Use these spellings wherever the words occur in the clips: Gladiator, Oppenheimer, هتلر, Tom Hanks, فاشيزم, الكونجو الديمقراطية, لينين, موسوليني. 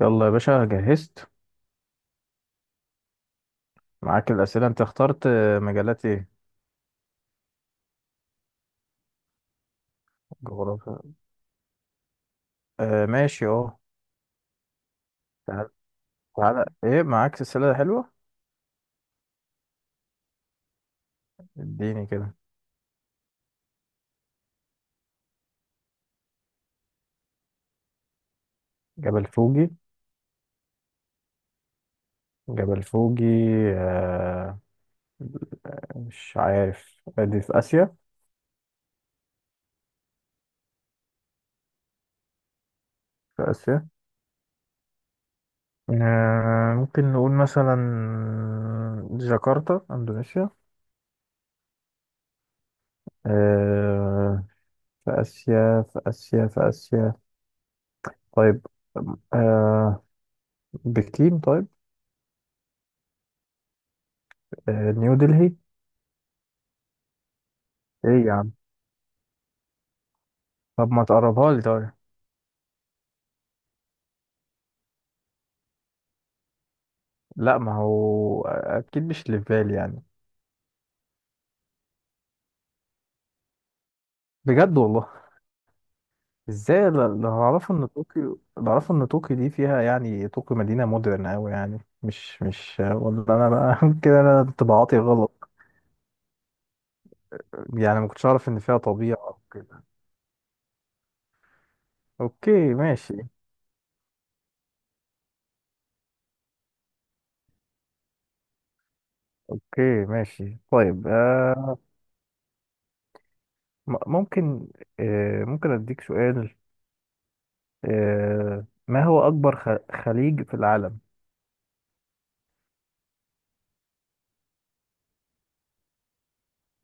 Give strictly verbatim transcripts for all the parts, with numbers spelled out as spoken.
يلا يا باشا، جهزت معاك الأسئلة. أنت اخترت آه، مجالات إيه؟ جغرافيا. آه ماشي أه. تعال تعال، إيه معاك سلسلة حلوة؟ اديني كده. جبل فوجي. جبل فوجي. آه مش عارف، دي في آسيا. في آسيا. آه ممكن نقول مثلا جاكرتا، إندونيسيا. آه في آسيا، في آسيا، في آسيا. طيب. آه بكين. طيب. آه نيو دلهي. إيه يا عم، طب ما تقربها لي طيب. لا، ما هو اكيد مش اللي في بالي يعني. بجد والله. ازاي؟ اللي اللي اعرفه ان طوكيو، اللي اعرفه ان طوكيو دي فيها يعني، طوكيو مدينه مودرن قوي يعني، مش مش ولا انا بقى كده. انا انطباعاتي غلط يعني، ما كنتش اعرف ان فيها طبيعه او كده. اوكي ماشي. اوكي ماشي. طيب. آه م- ممكن. آه ممكن اديك سؤال؟ آه ما هو اكبر خ- خليج في العالم؟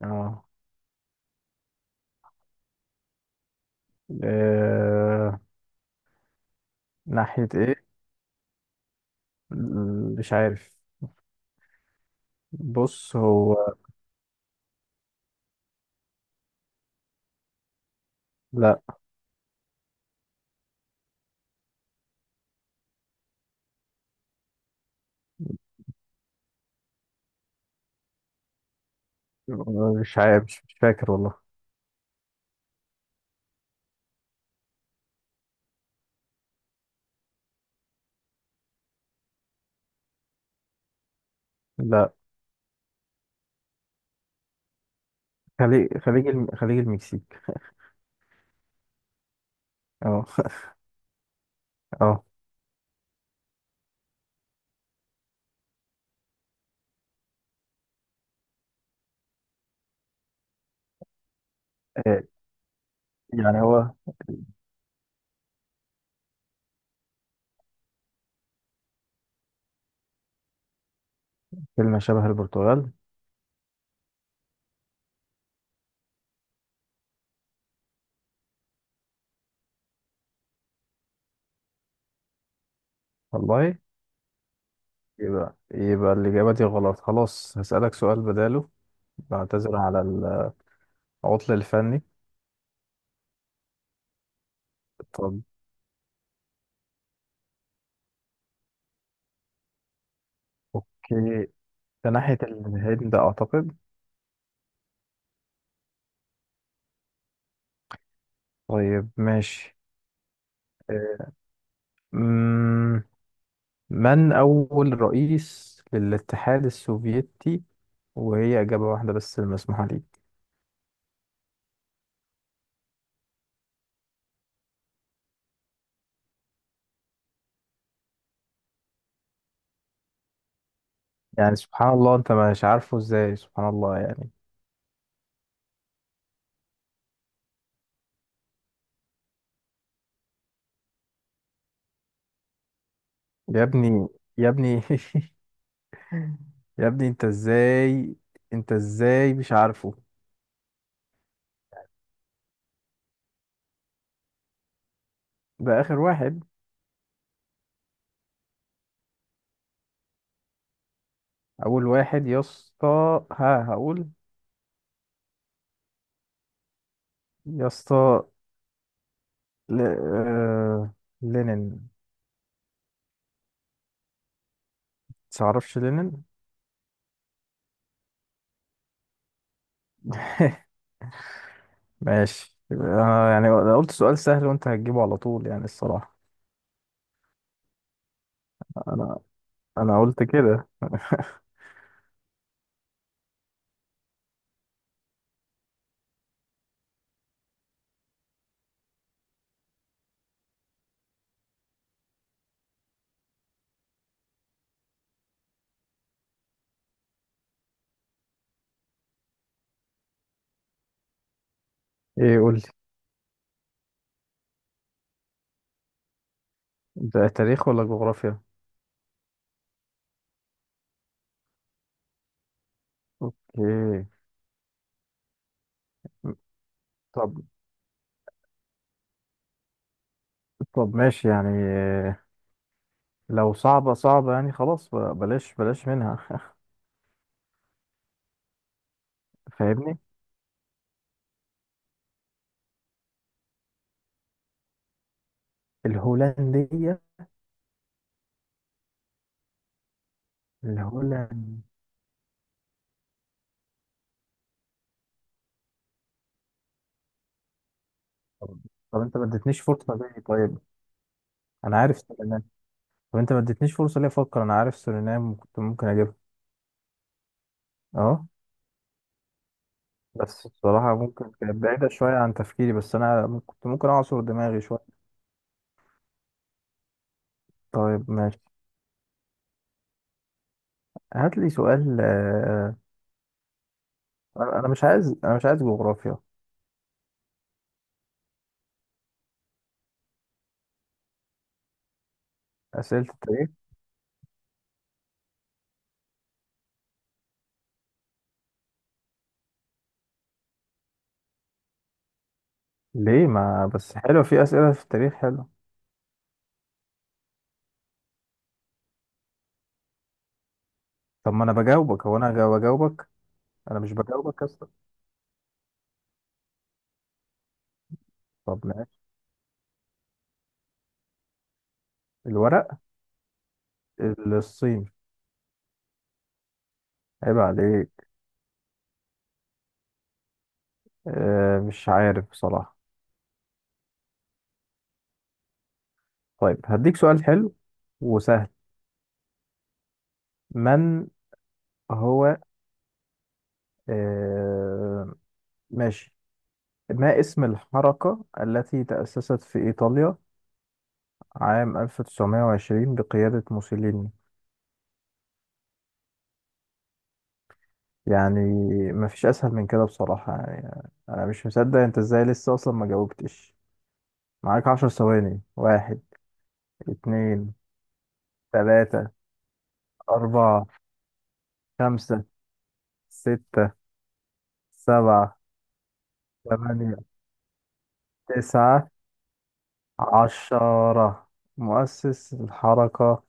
اه آه، ناحيه ايه؟ م- مش عارف. بص هو. لا، مش عارف. مش مش فاكر والله. لا. خليج خليج الم... خليج المكسيك. اه. اه آه، يعني هو كلمة شبه البرتغال. والله؟ يبقى يبقى الإجابة دي غلط خلاص. هسألك سؤال بداله. بعتذر على العطل الفني. طب أوكي، ده ناحية الهند أعتقد. طيب ماشي. أمم، من أول رئيس للاتحاد السوفيتي؟ وهي إجابة واحدة بس المسموحة ليك. يعني سبحان الله، أنت مش عارفه إزاي؟ سبحان الله يعني. يا ابني. يا ابني يا ابني أنت إزاي، أنت إزاي مش عارفه؟ ده آخر واحد. أول واحد يا اسطى، ها هقول. يا اسطى ل... آه... لينين. متعرفش لينين؟ ماشي. آه يعني أنا، يعني قلت سؤال سهل وأنت هتجيبه على طول، يعني الصراحة. أنا انا قلت كده. ايه، قول لي. ده تاريخ ولا جغرافيا؟ ايه؟ طب. طب ماشي يعني، إيه لو صعبة؟ صعبة يعني، خلاص ب- بلاش بلاش منها. فاهمني. الهولندية. الهولند. طب. طب انت ما اديتنيش فرصة ليه طيب؟ انا عارف سورينام. طب انت ما اديتنيش فرصة ليه افكر؟ انا عارف سورينام وكنت ممكن اجيبها. اه، بس بصراحة ممكن كانت بعيدة شوية عن تفكيري، بس انا كنت ممكن اعصر دماغي شوية. طيب ماشي. هات لي سؤال آه، انا. أنا مش عايز انا مش عايز جغرافيا. اسئله التاريخ ليه؟ ما بس حلو، في اسئله في التاريخ حلو. طب ما انا بجاوبك، هو انا جا- بجاوبك. انا مش بجاوبك اصلا. طب ماشي. الورق. الصين. عيب عليك. آه مش عارف بصراحه. طيب هديك سؤال حلو وسهل. من هو آه ماشي. ما اسم الحركه التي تاسست في ايطاليا عام ألف وتسعمية وعشرين بقياده موسوليني؟ يعني مفيش اسهل من كده بصراحة، يعني انا مش مصدق انت ازاي لسه اصلا ما جاوبتش. معاك عشر ثواني. واحد، اتنين، تلاتة، اربعة، خمسة، ستة، سبعة، تمانية، تسعة، عشرة. مؤسس الحركة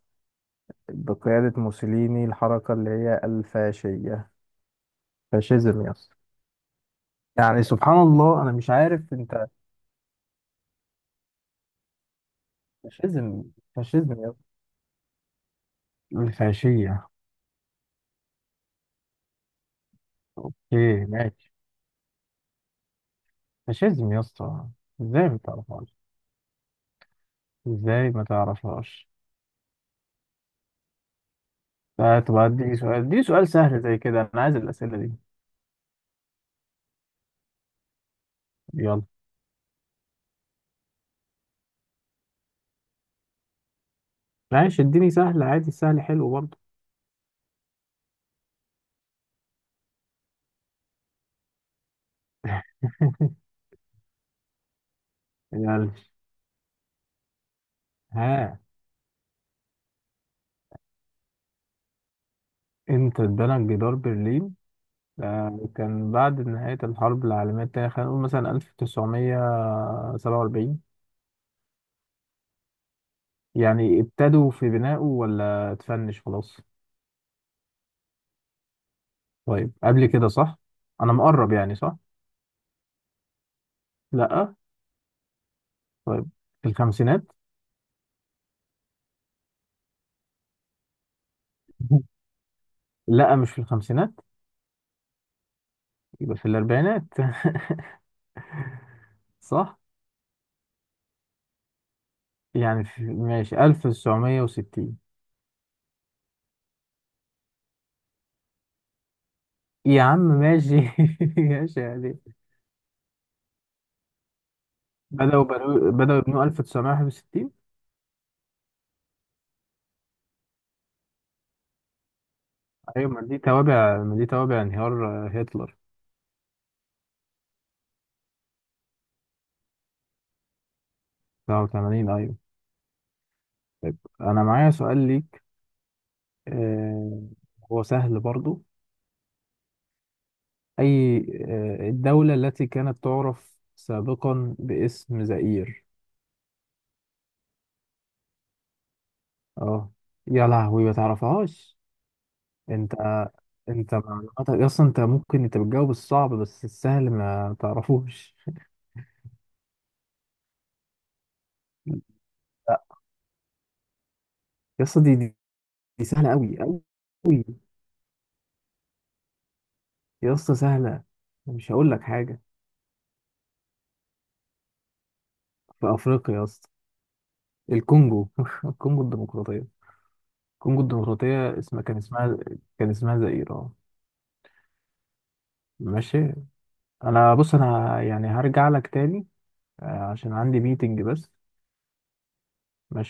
بقيادة موسوليني، الحركة اللي هي الفاشية. فاشيزم يا اسطى. يعني سبحان الله، انا مش عارف انت. فاشيزم. فاشيزم يا اسطى، الفاشية. اوكي ماشي. فاشيزم يا اسطى. ازاي ما تعرفهاش؟ ازاي ما تعرفهاش؟ آه، طب اديني سؤال، اديني سؤال سهل زي كده. انا عايز الاسئله دي. يلا ماشي، اديني سهل عادي، السهل حلو برضه. يلا. ها. امتى اتبنى جدار برلين؟ آه، كان بعد نهاية الحرب العالمية التانية. خلينا نقول مثلا ألف وتسعمية وسبعة وأربعين. يعني ابتدوا في بنائه ولا اتفنش خلاص؟ طيب، قبل كده؟ صح، أنا مقرب يعني؟ صح؟ لأ. طيب، في الخمسينات. لا، مش في الخمسينات. يبقى في الأربعينات. صح؟ يعني في ماشي ألف وتسعمية وستين. يا عم ماشي. ماشي يعني. بدأوا بنو... بدأوا يبنوا ألف وتسعمية وواحد وستين. أيوة. ما دي توابع، ما دي توابع انهيار آه، هتلر. تسعة وتمانين أيوة. طيب. أنا معايا سؤال ليك آه... هو سهل برضو. أي، آه... الدولة التي كانت تعرف سابقا باسم زئير. اه. يا لهوي، ما تعرفهاش. انت انت معلوماتك اصلا. انت ممكن، انت بتجاوب الصعب، بس السهل ما تعرفوش. لا يا اسطى، دي, دي دي سهله قوي قوي. يا اسطى سهله. مش هقول لك حاجه. في افريقيا يا اسطى. الكونجو. الكونجو الديمقراطيه. الكونجو الديمقراطيه اسمها، كان اسمها كان اسمها زائر، اه. ماشي. انا بص انا يعني هرجع لك تاني، آه، عشان عندي ميتنج بس. ماشي.